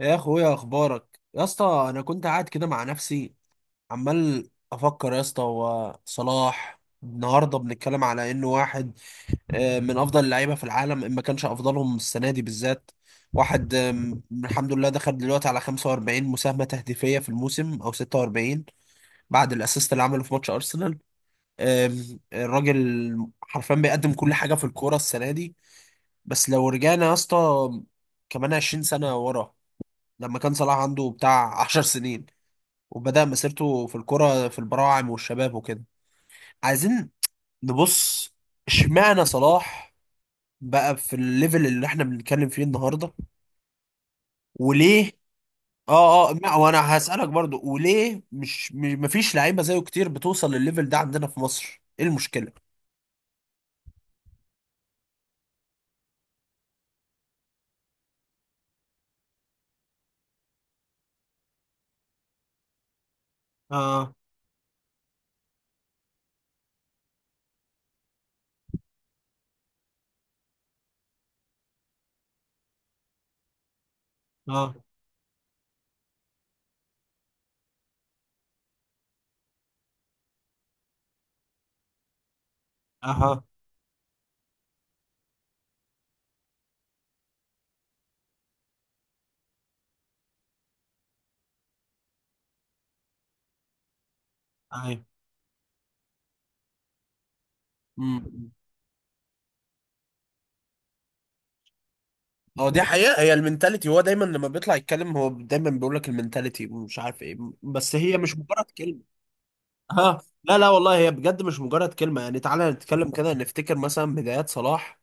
يا اخويا، اخبارك يا اسطى؟ انا كنت قاعد كده مع نفسي عمال افكر يا اسطى، هو صلاح النهارده بنتكلم على انه واحد من افضل اللعيبه في العالم. ان ما كانش افضلهم السنه دي بالذات واحد، الحمد لله دخل دلوقتي على 45 مساهمه تهديفيه في الموسم او 46 بعد الاسيست اللي عمله في ماتش ارسنال. الراجل حرفيا بيقدم كل حاجه في الكوره السنه دي. بس لو رجعنا يا اسطى كمان 20 سنه ورا، لما كان صلاح عنده بتاع 10 سنين وبدأ مسيرته في الكرة في البراعم والشباب وكده، عايزين نبص، اشمعنى صلاح بقى في الليفل اللي احنا بنتكلم فيه النهارده، وليه؟ اه، اه، وانا هسألك برضو، وليه مفيش لعيبة زيه كتير بتوصل للليفل ده عندنا في مصر؟ ايه المشكلة؟ اه. اه. اها. ايوه. امم. هو دي حقيقة، هي المنتاليتي. هو دايما لما بيطلع يتكلم هو دايما بيقول لك المنتاليتي ومش عارف ايه، بس هي مش مجرد... ها، لا لا، والله هي بجد مش مجرد كلمة. يعني تعالى نتكلم كده، نفتكر مثلا بدايات صلاح.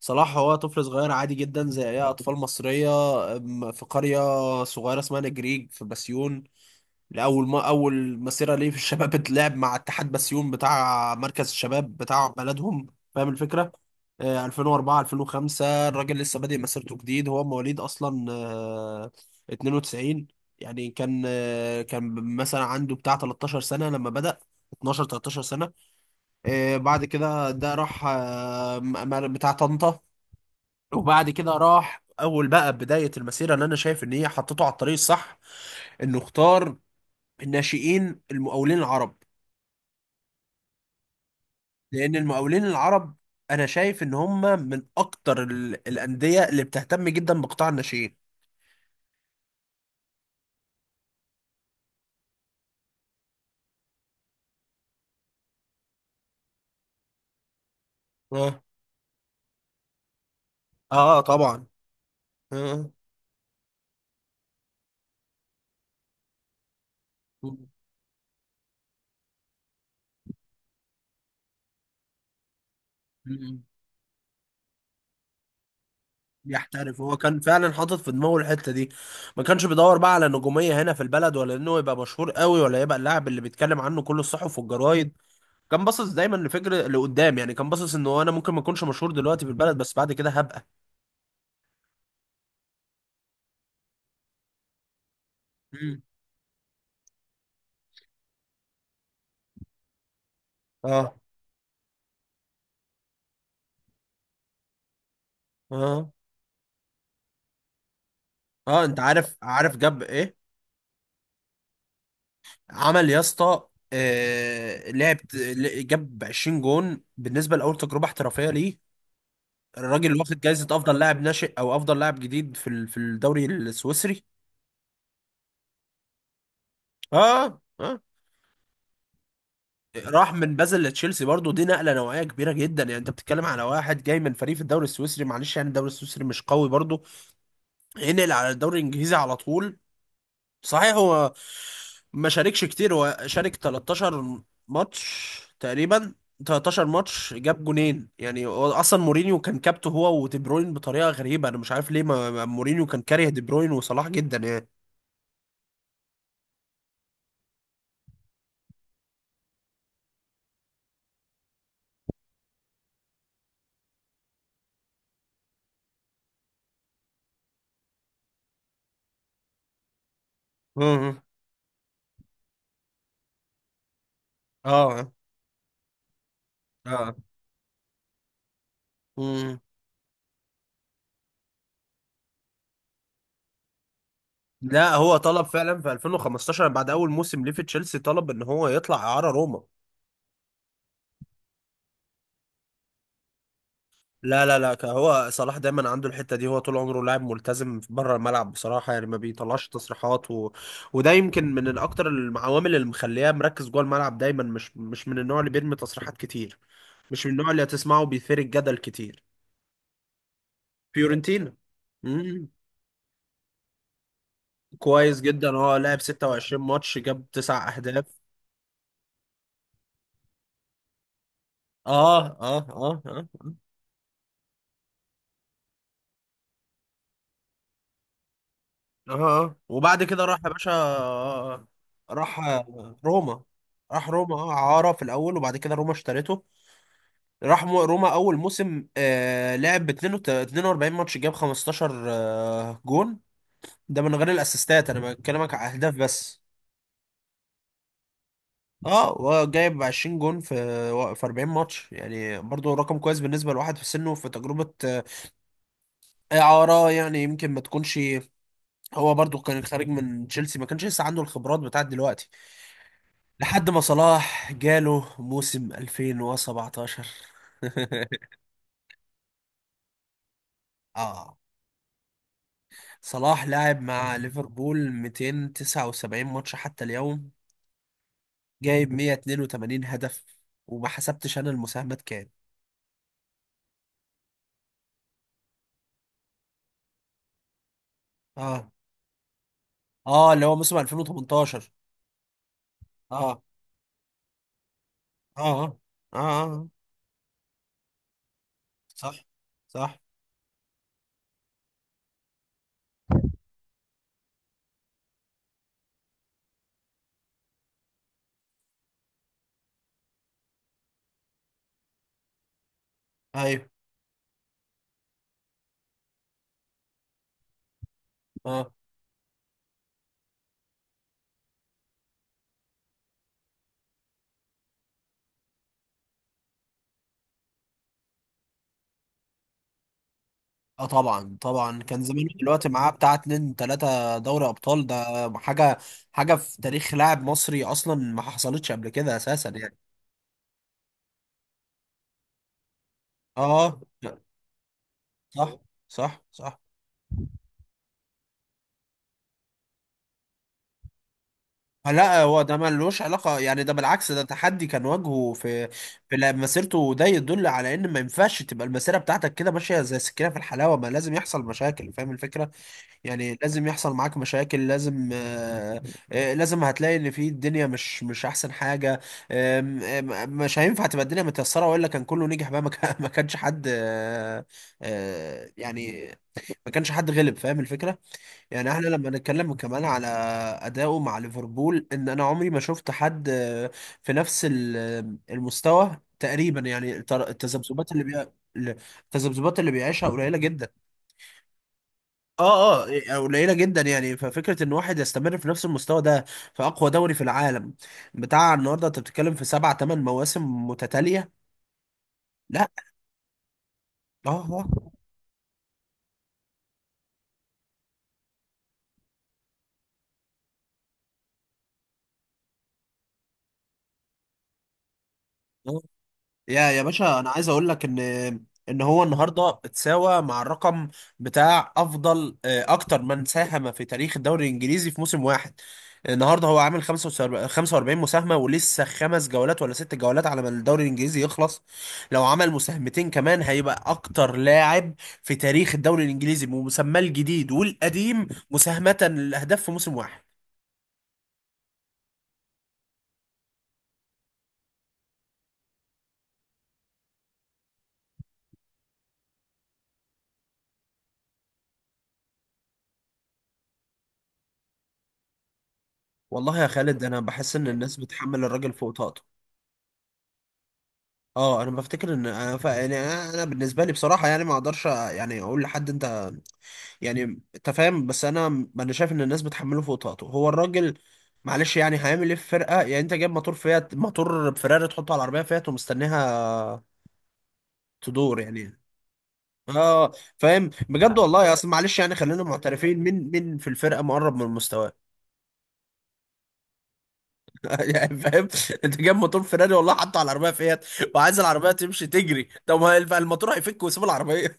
صلاح هو طفل صغير عادي جدا زي أي أطفال مصرية، في قرية صغيرة اسمها نجريج في بسيون. اول ما اول مسيره ليه في الشباب اتلعب مع اتحاد بسيون بتاع مركز الشباب بتاع بلدهم، فاهم الفكره؟ آه. 2004 2005 الراجل لسه بادئ مسيرته جديد. هو مواليد اصلا 92. يعني كان مثلا عنده بتاع 13 سنه لما بدأ، 12 13 سنه. آه، بعد كده ده راح بتاع طنطا. وبعد كده راح اول بقى بدايه المسيره اللي انا شايف ان هي حطته على الطريق الصح، انه اختار الناشئين المقاولين العرب. لان المقاولين العرب انا شايف ان هم من اكتر الانديه اللي بتهتم جدا بقطاع الناشئين. اه. اه طبعا. اه. مم. يحترف، هو كان فعلا حاطط في دماغه الحته دي. ما كانش بيدور بقى على نجوميه هنا في البلد، ولا انه يبقى مشهور قوي، ولا يبقى اللاعب اللي بيتكلم عنه كل الصحف والجرايد. كان باصص دايما لفكر لقدام، يعني كان باصص انه انا ممكن ما اكونش مشهور دلوقتي في البلد، بس بعد كده هبقى... مم. اه. اه. اه انت عارف، عارف جاب ايه؟ عمل يا اسطى، جاب 20 جون بالنسبه لاول تجربه احترافيه ليه. الراجل واخد جايزه افضل لاعب ناشئ او افضل لاعب جديد في في الدوري السويسري. اه. اه. راح من بازل لتشيلسي، برضو دي نقله نوعيه كبيره جدا. يعني انت بتتكلم على واحد جاي من فريق في الدوري السويسري، معلش يعني الدوري السويسري مش قوي برضو، ينقل على الدوري الانجليزي على طول. صحيح، هو ما شاركش كتير، هو شارك 13 ماتش تقريبا. 13 ماتش جاب جونين، يعني هو اصلا مورينيو كان كابته هو ودي بروين بطريقه غريبه، انا مش عارف ليه، مورينيو كان كاره دي بروين وصلاح جدا يعني. امم. اه. اه. امم. لا، هو طلب فعلا في 2015 بعد اول موسم ليه في تشيلسي، طلب ان هو يطلع اعاره روما. لا لا لا، هو صلاح دايما عنده الحته دي، هو طول عمره لاعب ملتزم بره الملعب بصراحه، يعني ما بيطلعش تصريحات و... وده يمكن من الاكتر العوامل اللي مخلياه مركز جوه الملعب دايما، مش من النوع اللي بيرمي تصريحات كتير، مش من النوع اللي هتسمعه بيثير الجدل كتير. فيورنتينا. مم. كويس جدا، هو لعب 26 ماتش جاب 9 اهداف. اه. اه. اه. اه. اه. اه. وبعد كده راح يا باشا، راح روما. راح روما اه، عارة في الأول، وبعد كده روما اشترته. روما اول موسم لعب ب 42 ماتش، جاب 15 جون. ده من غير الاسيستات، انا بكلمك على اهداف بس. اه، وجايب 20 جون في 40 ماتش، يعني برضو رقم كويس بالنسبه لواحد في سنه في تجربه اعاره، يعني يمكن ما تكونش... هو برضو كان خارج من تشيلسي، ما كانش لسه عنده الخبرات بتاعت دلوقتي، لحد ما صلاح جاله موسم 2017. اه. صلاح لاعب مع ليفربول 279 ماتش حتى اليوم، جايب 182 هدف، وما حسبتش انا المساهمات كام. اه. اه، اللي هو موسم 2018. اه. اه. اه. اه. آه. آه. صح. صح. ايوه. اه. اه طبعا. طبعا كان زمان، دلوقتي معاه بتاع اتنين تلاتة دوري ابطال، ده حاجة، في تاريخ لاعب مصري اصلا ما حصلتش قبل كده اساسا يعني. اه. صح. صح. صح. لا، هو ده ملوش علاقة، يعني ده بالعكس، ده تحدي كان واجهه في مسيرته، وده يدل على ان ما ينفعش تبقى المسيرة بتاعتك كده ماشية زي السكينة في الحلاوة، ما لازم يحصل مشاكل، فاهم الفكرة؟ يعني لازم يحصل معاك مشاكل، لازم آه آه لازم هتلاقي ان في الدنيا مش احسن حاجة. آم، آم، مش هينفع تبقى الدنيا متيسرة، والا كان كله نجح بقى، ما كان- ما كانش حد آه آه يعني ما كانش حد غلب، فاهم الفكرة؟ يعني احنا لما نتكلم كمان على اداؤه مع ليفربول، ان انا عمري ما شفت حد في نفس المستوى تقريبا يعني، التذبذبات اللي بي... التذبذبات اللي بيعيشها قليله جدا. اه. اه. قليله جدا، يعني ففكره ان واحد يستمر في نفس المستوى ده في اقوى دوري في العالم بتاع النهارده، انت بتتكلم في سبع ثمان مواسم متتاليه. لا. اه. اه. آه. يا باشا، انا عايز اقول لك ان هو النهارده اتساوى مع الرقم بتاع افضل اكتر من ساهم في تاريخ الدوري الانجليزي في موسم واحد. النهارده هو عامل 45 45 مساهمه، ولسه 5 جولات ولا 6 جولات على ما الدوري الانجليزي يخلص. لو عمل مساهمتين كمان، هيبقى اكتر لاعب في تاريخ الدوري الانجليزي بمسماه الجديد والقديم مساهمه للاهداف في موسم واحد. والله يا خالد، انا بحس ان الناس بتحمل الراجل فوق طاقته. اه، انا بفتكر ان انا ف... يعني انا بالنسبه لي بصراحه يعني ما اقدرش يعني اقول لحد انت، يعني انت فاهم، بس انا انا شايف ان الناس بتحمله فوق طاقته. هو الراجل معلش يعني هيعمل ايه في فرقه؟ يعني انت جايب موتور فيراري تحطه على العربيه فيات، ومستنيها تدور يعني. اه، فاهم بجد والله، اصل معلش يعني خلينا معترفين، مين مين في الفرقه مقرب من مستواه؟ يعني فاهم، انت جايب موتور فيراري والله حاطه على العربيه فيات، وعايز العربيه تمشي تجري. طب ما الموتور هيفك ويسيب العربيه.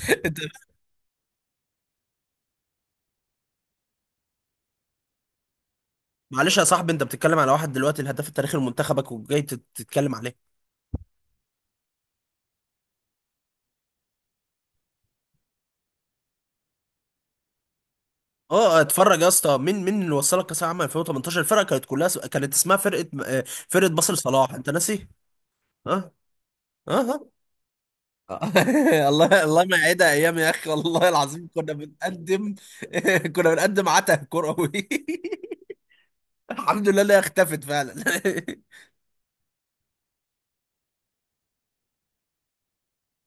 معلش يا صاحبي، انت بتتكلم على واحد دلوقتي الهداف التاريخي لمنتخبك، وجاي تتكلم عليه. اه، اتفرج يا اسطى، مين مين اللي وصلك كاس العالم 2018؟ الفرقه كانت كلها كانت اسمها فرقه، فرقه باسل صلاح، انت ناسي؟ اه. اه. اه. الله الله، ما يعيدها ايام يا اخي والله العظيم، كنا بنقدم كنا بنقدم عته كروي. الحمد لله انها اختفت فعلا.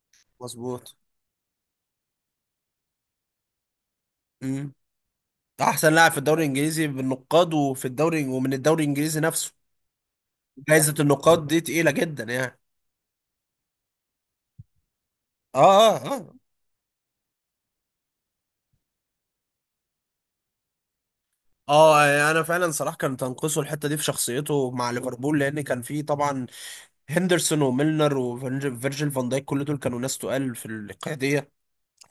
مظبوط. امم. احسن لاعب في الدوري الانجليزي بالنقاد، وفي الدوري، ومن الدوري الانجليزي نفسه. جائزه النقاد دي تقيله جدا يعني. اه. اه. اه. اه. يعني انا فعلا صلاح كان تنقصه الحته دي في شخصيته مع ليفربول، لان كان فيه طبعا هندرسون وميلنر فيرجيل فان دايك، كل دول كانوا ناس تقال في القياديه.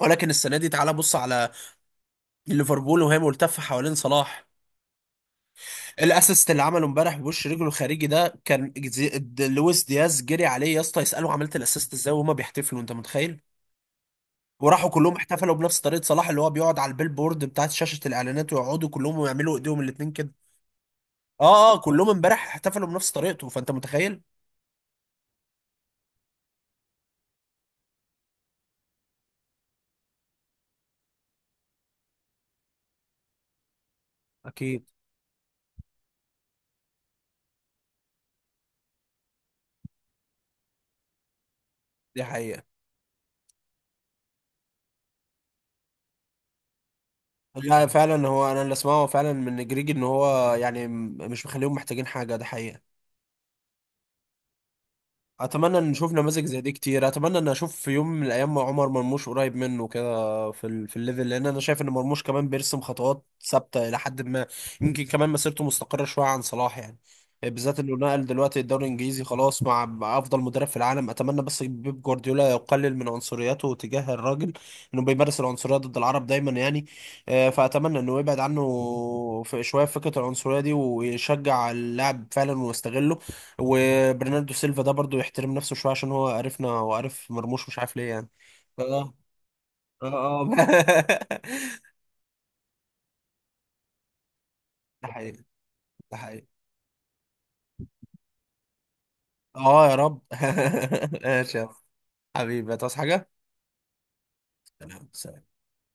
ولكن السنه دي تعالى بص على ليفربول وهي ملتفه حوالين صلاح. الاسيست اللي عمله امبارح بوش رجله الخارجي ده كان لويس دياز جري عليه يا اسطى يساله عملت الاسيست ازاي وهما بيحتفلوا، انت متخيل؟ وراحوا كلهم احتفلوا بنفس طريقه صلاح، اللي هو بيقعد على البيلبورد بتاعت شاشه الاعلانات، ويقعدوا كلهم ويعملوا ايديهم الاتنين كده. اه. اه. كلهم امبارح احتفلوا بنفس طريقته، فانت متخيل؟ اكيد. دي حقيقة. لا، فعلا هو انا اللي اسمعه فعلا من جريج ان هو يعني مش مخليهم محتاجين حاجة، ده حقيقة. اتمنى ان نشوف نماذج زي دي كتير، اتمنى ان اشوف في يوم من الايام عمر مرموش قريب منه كده في الليفل، لان انا شايف ان مرموش كمان بيرسم خطوات ثابته الى حد ما، يمكن كمان مسيرته مستقره شويه عن صلاح يعني، بالذات انه نقل دلوقتي الدوري الانجليزي خلاص مع افضل مدرب في العالم. اتمنى بس بيب جوارديولا يقلل من عنصريته تجاه الراجل، انه بيمارس العنصريه ضد العرب دايما يعني، فاتمنى انه يبعد عنه في شويه فكره العنصريه دي، ويشجع اللاعب فعلا ويستغله. وبرناردو سيلفا ده برضو يحترم نفسه شويه، عشان هو عرفنا هو عارف مرموش، مش عارف ليه يعني. اه. اه. اه. ده حقيقي. ده حقيقي. اه، يا رب. ماشي يا حبيبي، هتعوز حاجه؟ سلام.